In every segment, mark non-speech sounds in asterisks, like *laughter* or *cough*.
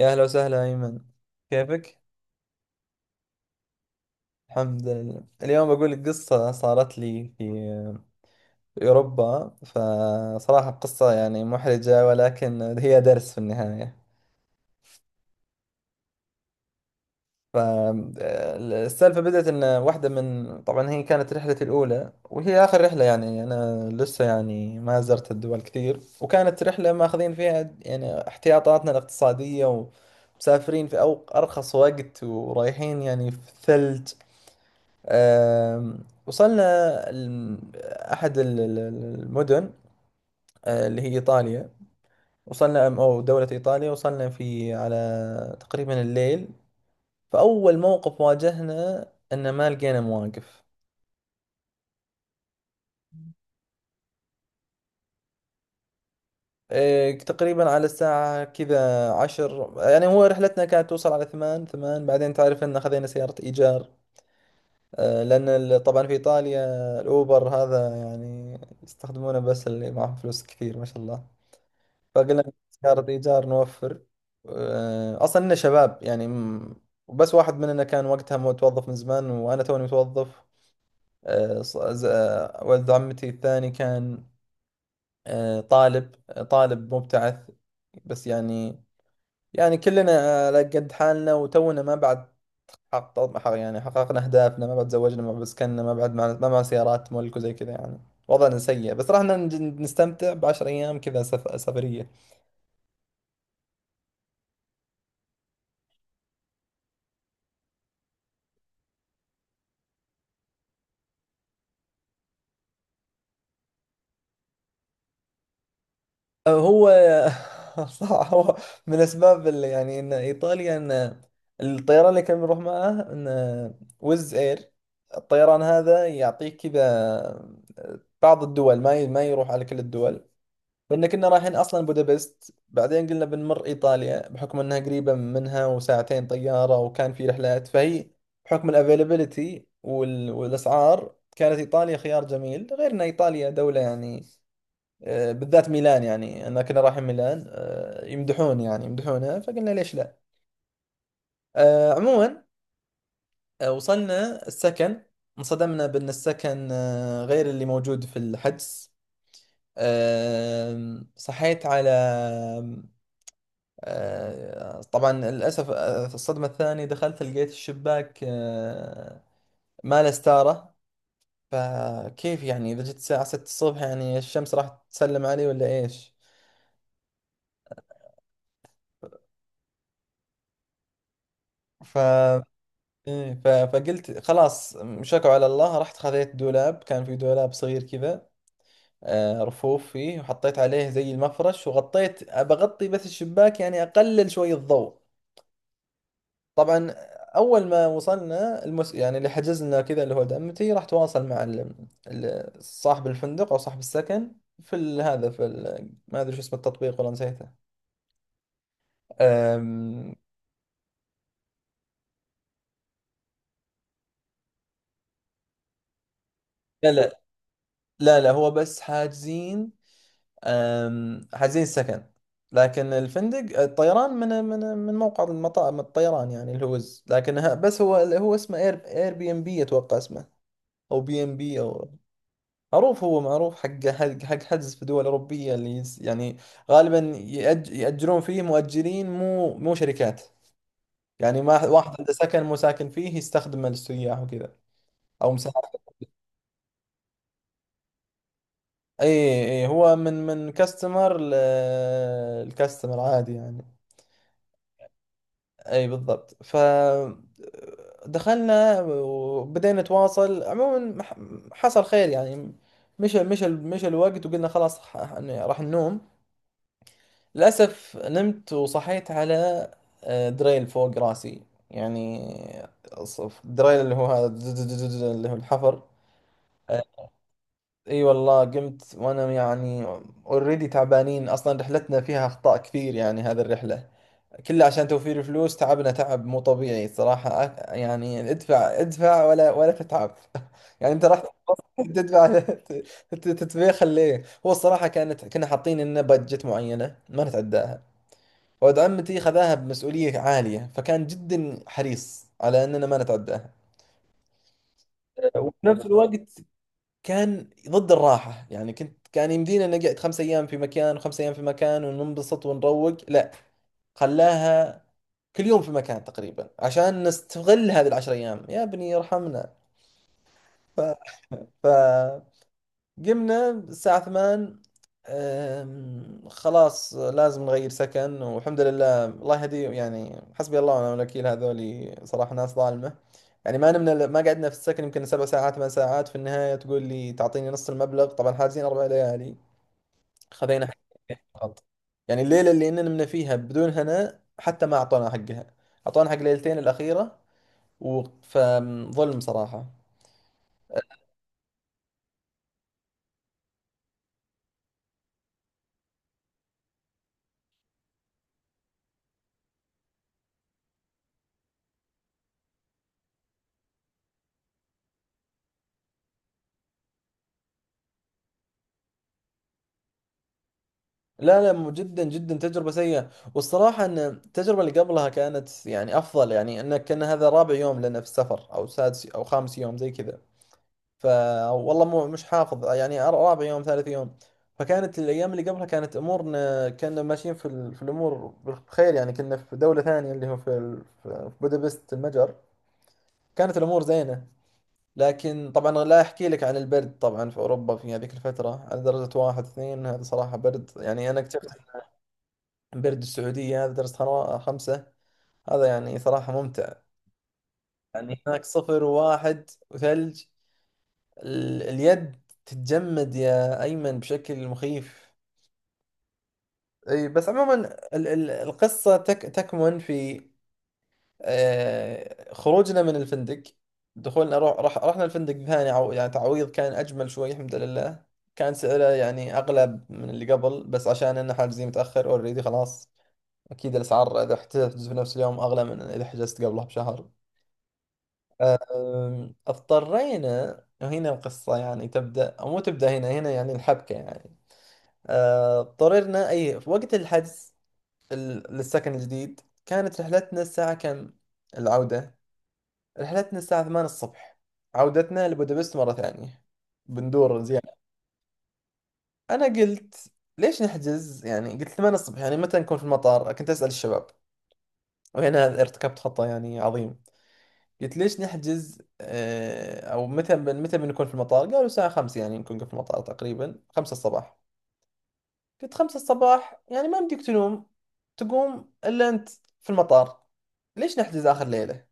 يا أهلا وسهلا أيمن، كيفك؟ الحمد لله، اليوم بقول لك قصة صارت لي في أوروبا. فصراحة قصة يعني محرجة، ولكن هي درس في النهاية. فالسالفة بدأت إن واحدة من طبعا هي كانت رحلتي الأولى وهي آخر رحلة. يعني أنا لسه يعني ما زرت الدول كثير، وكانت رحلة ماخذين فيها يعني احتياطاتنا الاقتصادية، ومسافرين في أو أرخص وقت، ورايحين يعني في الثلج. آم، وصلنا الم- أحد المدن، اللي هي إيطاليا. وصلنا أو دولة إيطاليا، وصلنا في على تقريبا الليل. فأول موقف واجهنا أن ما لقينا مواقف. تقريبا على الساعة كذا عشر، يعني هو رحلتنا كانت توصل على ثمان، بعدين تعرف أن خذينا سيارة إيجار. لأن طبعا في إيطاليا الأوبر هذا يعني يستخدمونه بس اللي معهم فلوس كثير ما شاء الله. فقلنا سيارة إيجار نوفر. أصلا إننا شباب يعني وبس واحد مننا كان وقتها متوظف من زمان، وأنا توني متوظف. ولد عمتي الثاني كان طالب، طالب مبتعث. بس يعني، يعني كلنا على قد حالنا، وتونا ما بعد يعني حققنا أهدافنا، ما بعد تزوجنا، ما بعد سكننا، ما بعد معنا ما معنا سيارات ملك وزي كذا يعني. وضعنا سيء، بس رحنا نستمتع بـ10 أيام كذا سفرية. هو *laughs* صح. هو من اسباب اللي يعني ان ايطاليا ان الطيران اللي كان بنروح معاه ان ويز اير. الطيران هذا يعطيك كذا، بعض الدول ما يروح على كل الدول. لان كنا رايحين اصلا بودابست، بعدين قلنا بنمر ايطاليا بحكم انها قريبه منها وساعتين طياره، وكان في رحلات. فهي بحكم الافيلابيلتي والاسعار كانت ايطاليا خيار جميل، غير ان ايطاليا دوله يعني بالذات ميلان، يعني انا كنا رايحين ميلان، يمدحون يعني يمدحونها، فقلنا ليش لا. عموما، وصلنا السكن. انصدمنا بان السكن غير اللي موجود في الحجز. صحيت على طبعا للاسف، في الصدمه الثانيه دخلت لقيت الشباك ما له ستاره. فكيف يعني اذا جيت الساعه 6 الصبح، يعني الشمس راح تسلم علي ولا ايش؟ ف إيه، فقلت خلاص، شكوا على الله، رحت خذيت دولاب، كان في دولاب صغير كذا، رفوف فيه، وحطيت عليه زي المفرش، وغطيت بغطي بس الشباك، يعني أقلل شوي الضوء. طبعا أول ما وصلنا يعني اللي حجزنا كذا اللي هو دعمتي راح تواصل مع صاحب الفندق أو صاحب السكن في هذا، في ما أدري شو اسم التطبيق والله نسيته. أم... لا لا، لا لا، هو بس حاجزين. حجزين السكن، لكن الفندق، الطيران، من موقع المطار، من الطيران يعني الهوز. لكن بس هو اسمه اير اير بي ام بي اتوقع اسمه او بي ام بي او. معروف، هو معروف، حق حجز في دول اوروبيه، اللي يعني غالبا ياجرون فيه، مؤجرين مو شركات. يعني ما واحد عنده سكن مو ساكن فيه يستخدمه للسياح وكذا، او مساعد. اي، اي، هو من كاستمر لكاستمر عادي يعني. اي بالضبط. ف دخلنا وبدينا نتواصل. عموما حصل خير يعني. مشى الوقت، وقلنا خلاص، إني راح ننوم. للأسف نمت وصحيت على دريل فوق راسي. يعني دريل اللي هو هذا اللي هو الحفر. آه، اي والله قمت وانا يعني اوريدي تعبانين. اصلا رحلتنا فيها اخطاء كثير، يعني هذه الرحلة كله عشان توفير فلوس، تعبنا تعب مو طبيعي صراحة. يعني ادفع ادفع ولا ولا تتعب *laughs* يعني انت راح تدفع، تتبيخل ليه؟ هو الصراحة كانت، كنا حاطين لنا بادجت معينة ما نتعداها. ولد عمتي خذاها بمسؤولية عالية، فكان جدا حريص على اننا ما نتعداها. وفي نفس الوقت كان ضد الراحة. يعني كنت كان يمدينا نقعد 5 ايام في مكان وخمس ايام في مكان وننبسط ونروق، لا، خلاها كل يوم في مكان تقريبا عشان نستغل هذه الـ10 أيام. يا ابني ارحمنا! ف... ف... قمنا الساعة 8. خلاص لازم نغير سكن. والحمد لله، الله يهديهم، يعني حسبي الله ونعم الوكيل، هذولي صراحة ناس ظالمة. يعني ما نمنا، ما قعدنا في السكن يمكن 7 ساعات، 8 ساعات، في النهاية تقول لي تعطيني نص المبلغ. طبعا حاجزين 4 ليالي، خذينا حقنا فقط. يعني الليلة اللي إننا نمنا فيها بدون هنا حتى ما أعطونا حقها. أعطونا حق ليلتين الأخيرة. فظلم صراحة. لا لا، جدا جدا تجربة سيئة. والصراحة أن التجربة اللي قبلها كانت يعني أفضل، يعني أنك كان هذا رابع يوم لنا في السفر، أو سادس أو خامس يوم زي كذا. فوالله مو مش حافظ يعني، رابع يوم، ثالث يوم. فكانت الأيام اللي قبلها كانت أمورنا، كنا ماشيين في، في الأمور بخير. يعني كنا في دولة ثانية، اللي هو في، في بودابست المجر. كانت الأمور زينة. لكن طبعا لا أحكي لك عن البرد، طبعا في أوروبا في هذيك الفترة على درجة 1، 2، هذا صراحة برد. يعني أنا اكتشفت إن برد السعودية هذا درجة حرارة 5، هذا يعني صراحة ممتع. يعني هناك صفر وواحد وثلج. اليد تتجمد يا أيمن بشكل مخيف. أي، بس عموما القصة تكمن في خروجنا من الفندق. دخولنا، روح رح رحنا الفندق ثاني. يعني تعويض كان أجمل شوي الحمد لله. كان سعره يعني أغلى من اللي قبل، بس عشان إنه حاجزين متأخر أوريدي خلاص. أكيد الأسعار إذا احتجز في نفس اليوم أغلى من إذا حجزت قبلها بشهر. اضطرينا. وهنا القصة يعني تبدأ، أو مو تبدأ هنا، هنا يعني الحبكة يعني. اضطررنا أي في وقت الحجز للسكن الجديد. كانت رحلتنا الساعة كم؟ العودة رحلتنا الساعة 8 الصبح، عودتنا لبودابست مرة ثانية بندور زيادة. أنا قلت ليش نحجز؟ يعني قلت 8 الصبح، يعني متى نكون في المطار؟ كنت أسأل الشباب. وهنا ارتكبت خطأ يعني عظيم. قلت ليش نحجز أو متى متى بنكون في المطار؟ قالوا الساعة 5، يعني نكون في المطار تقريبا 5 الصباح. قلت 5 الصباح يعني ما يمديك تنوم، تقوم إلا أنت في المطار. ليش نحجز آخر ليلة؟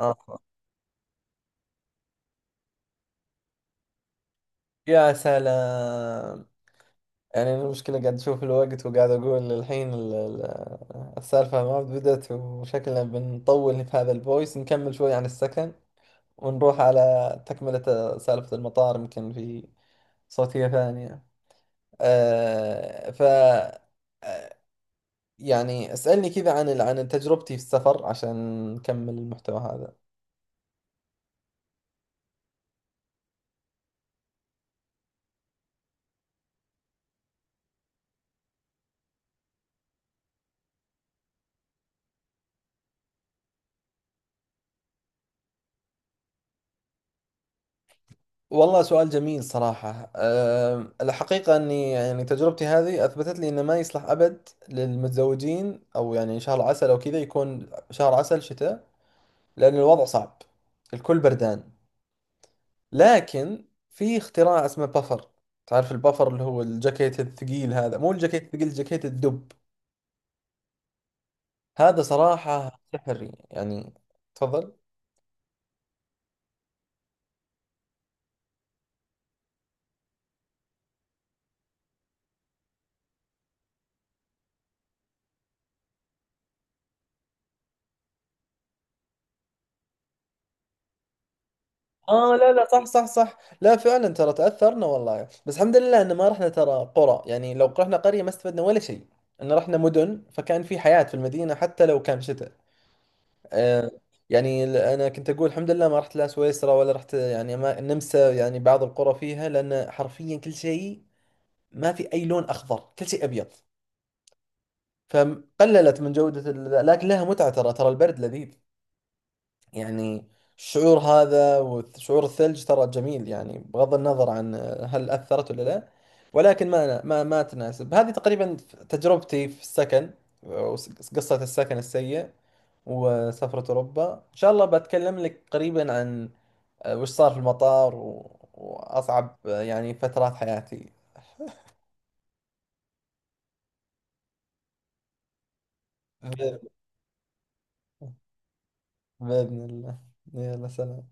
آه. يا سلام. يعني أنا المشكلة قاعد أشوف الوقت وقاعد أقول الحين السالفة ما بدأت، وشكلنا بنطول في هذا الفويس. نكمل شوي عن السكن ونروح على تكملة سالفة المطار، يمكن في صوتية ثانية. آه ف آه، يعني اسألني كذا عن عن تجربتي في السفر عشان نكمل المحتوى هذا. والله سؤال جميل صراحة. الحقيقة أني يعني تجربتي هذه أثبتت لي أنه ما يصلح أبد للمتزوجين، أو يعني شهر عسل أو كذا، يكون شهر عسل شتاء. لأن الوضع صعب، الكل بردان. لكن في اختراع اسمه بفر. تعرف البفر؟ اللي هو الجاكيت الثقيل هذا، مو الجاكيت الثقيل، الجاكيت الدب. هذا آه. صراحة سحري يعني. تفضل. اه، لا لا، صح صح صح. لا، فعلا ترى تأثرنا والله. بس الحمد لله ان ما رحنا ترى قرى، يعني لو رحنا قرية ما استفدنا ولا شيء. ان رحنا مدن فكان في حياة في المدينة حتى لو كان شتاء. آه. يعني انا كنت اقول الحمد لله ما رحت لا سويسرا ولا رحت يعني ما النمسا، يعني بعض القرى فيها لان حرفيا كل شيء، ما في اي لون اخضر، كل شيء ابيض. فقللت من جودة لكن لها متعة. ترى، ترى البرد لذيذ، يعني الشعور هذا وشعور الثلج ترى جميل يعني. بغض النظر عن هل أثرت ولا لا، ولكن ما ما تناسب. هذه تقريبا تجربتي في السكن، قصة السكن السيء. وسفرة أوروبا إن شاء الله بتكلم لك قريبا عن وش صار في المطار وأصعب يعني فترات حياتي. بإذن بإذن الله. يلا سلام.